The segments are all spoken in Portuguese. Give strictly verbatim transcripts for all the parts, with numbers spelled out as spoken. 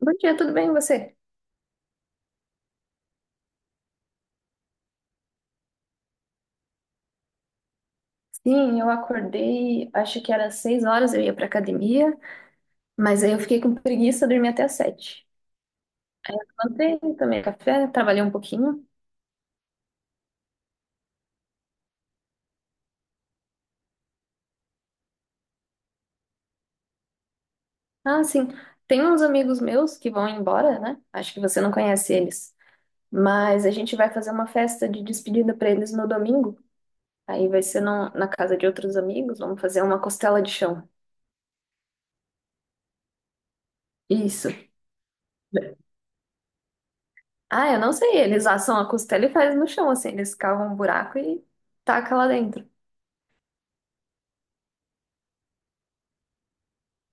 Bom dia, tudo bem e você? Sim, eu acordei, acho que era seis horas, eu ia pra academia, mas aí eu fiquei com preguiça, dormi até às sete. Levantei, tomei café, trabalhei um pouquinho. Ah, sim, tem uns amigos meus que vão embora, né? Acho que você não conhece eles, mas a gente vai fazer uma festa de despedida pra eles no domingo. Aí vai ser no- na casa de outros amigos, vamos fazer uma costela de chão. Isso. Ah, eu não sei, eles assam a costela e fazem no chão, assim, eles cavam um buraco e tacam lá dentro.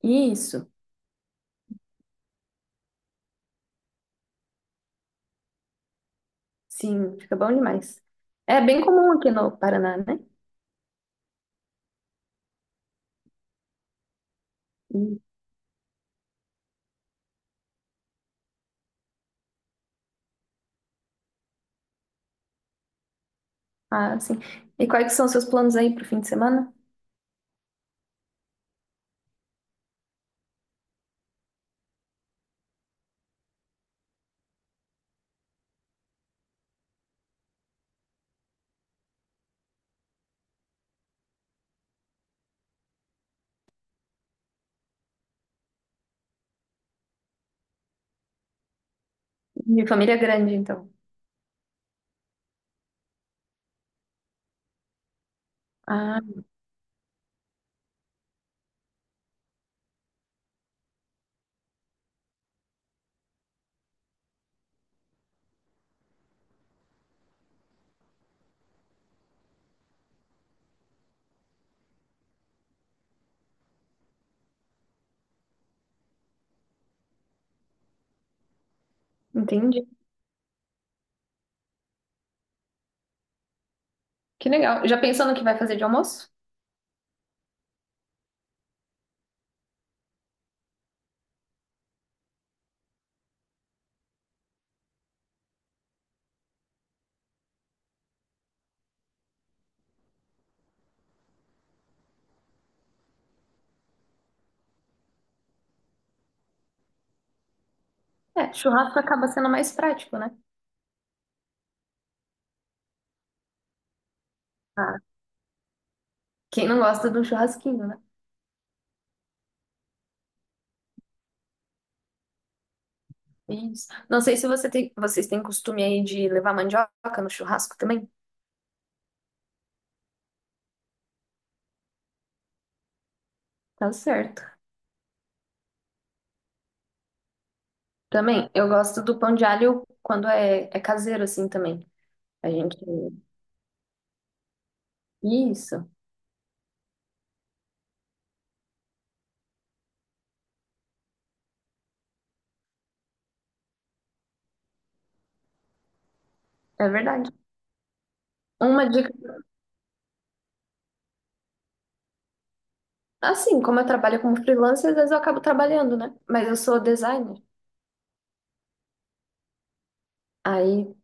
Isso. Sim, fica bom demais. É bem comum aqui no Paraná, né? E, ah, sim. E quais são os seus planos aí pro fim de semana? Minha família é grande, então. Ah, entendi. Que legal. Já pensou no que vai fazer de almoço? É, churrasco acaba sendo mais prático, né? Ah, quem não gosta de um churrasquinho, né? Isso. Não sei se você tem, vocês têm costume aí de levar mandioca no churrasco também. Tá certo. Também, eu gosto do pão de alho quando é, é caseiro, assim, também. A gente... Isso, é verdade. Uma dica. Assim, como eu trabalho como freelancer, às vezes eu acabo trabalhando, né? Mas eu sou designer. Aí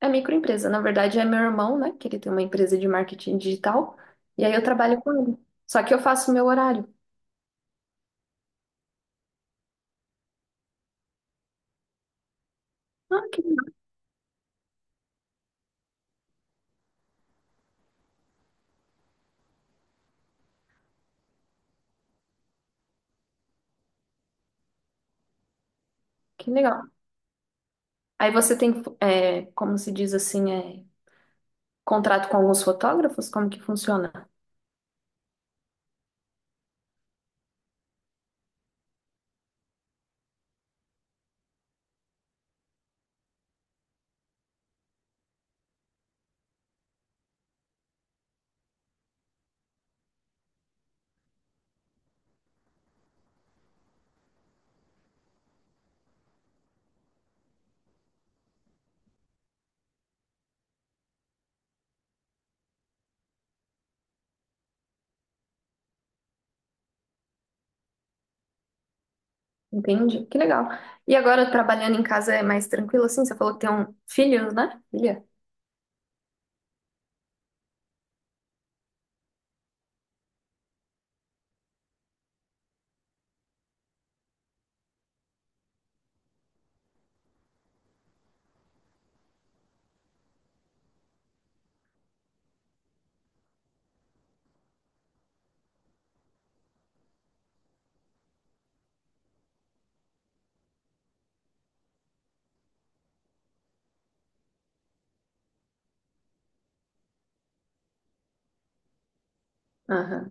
é microempresa. Na verdade, é meu irmão, né? Que ele tem uma empresa de marketing digital. E aí eu trabalho com ele. Só que eu faço o meu horário. Ah, que legal, que legal. Aí você tem, é, como se diz assim, é, contrato com alguns fotógrafos? Como que funciona? Entende? Que legal. E agora, trabalhando em casa é mais tranquilo, assim? Você falou que tem um filho, né? Filha? Aham.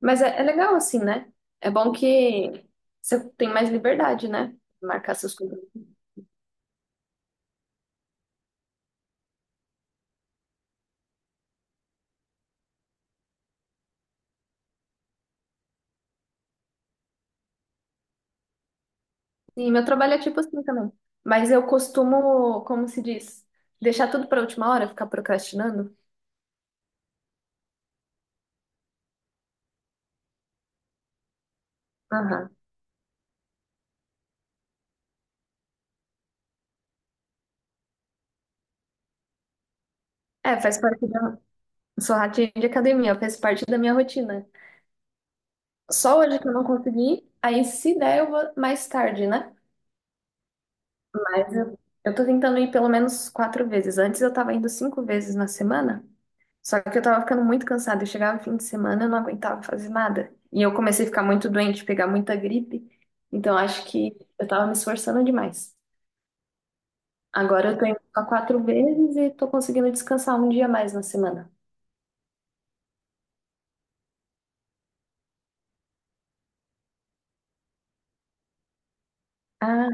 Mas é, é legal assim, né? É bom que você tem mais liberdade, né? Marcar seus coisas. Sim, meu trabalho é tipo assim também. Mas eu costumo, como se diz, deixar tudo para última hora, ficar procrastinando. Aham. É, faz parte da. Sou ratinho de academia, faz parte da minha rotina. Só hoje que eu não consegui, aí se der eu vou mais tarde, né? Mas eu, eu tô tentando ir pelo menos quatro vezes. Antes eu tava indo cinco vezes na semana. Só que eu tava ficando muito cansada. Eu chegava no fim de semana, eu não aguentava fazer nada. E eu comecei a ficar muito doente, pegar muita gripe. Então acho que eu tava me esforçando demais. Agora eu tô indo só quatro vezes e tô conseguindo descansar um dia a mais na semana. Ah,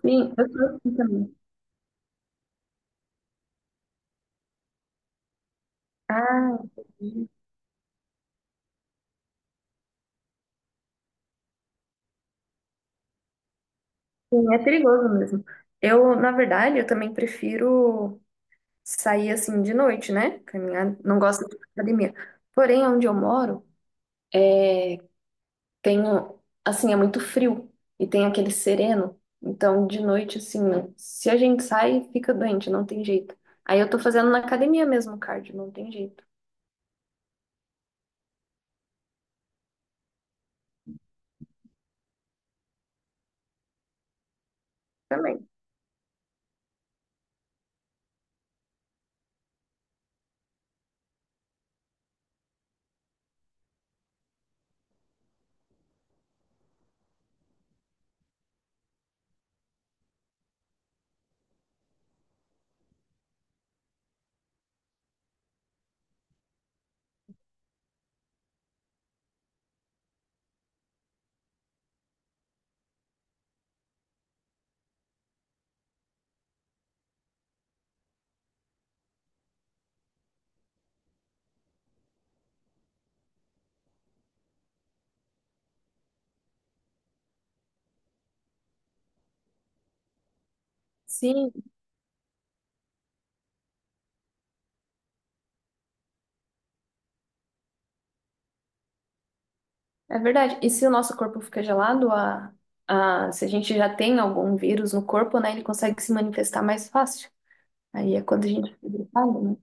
sim, eu tô assim também. Ah, entendi. Sim, é perigoso mesmo. Eu, na verdade, eu também prefiro sair assim de noite, né? Caminhar, não gosto de academia. Porém, onde eu moro, tem um, assim, é muito frio e tem aquele sereno. Então, de noite, assim, se a gente sai, fica doente, não tem jeito. Aí eu tô fazendo na academia mesmo cardio, não tem jeito. Também. Sim, é verdade. E se o nosso corpo fica gelado, a, a, se a gente já tem algum vírus no corpo, né, ele consegue se manifestar mais fácil. Aí é quando a gente fica gripado, né?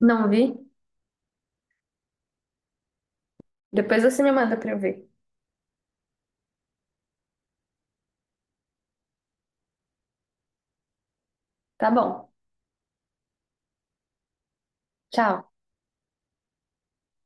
Não vi? Depois você me manda pra eu ver. Tá bom. Tchau.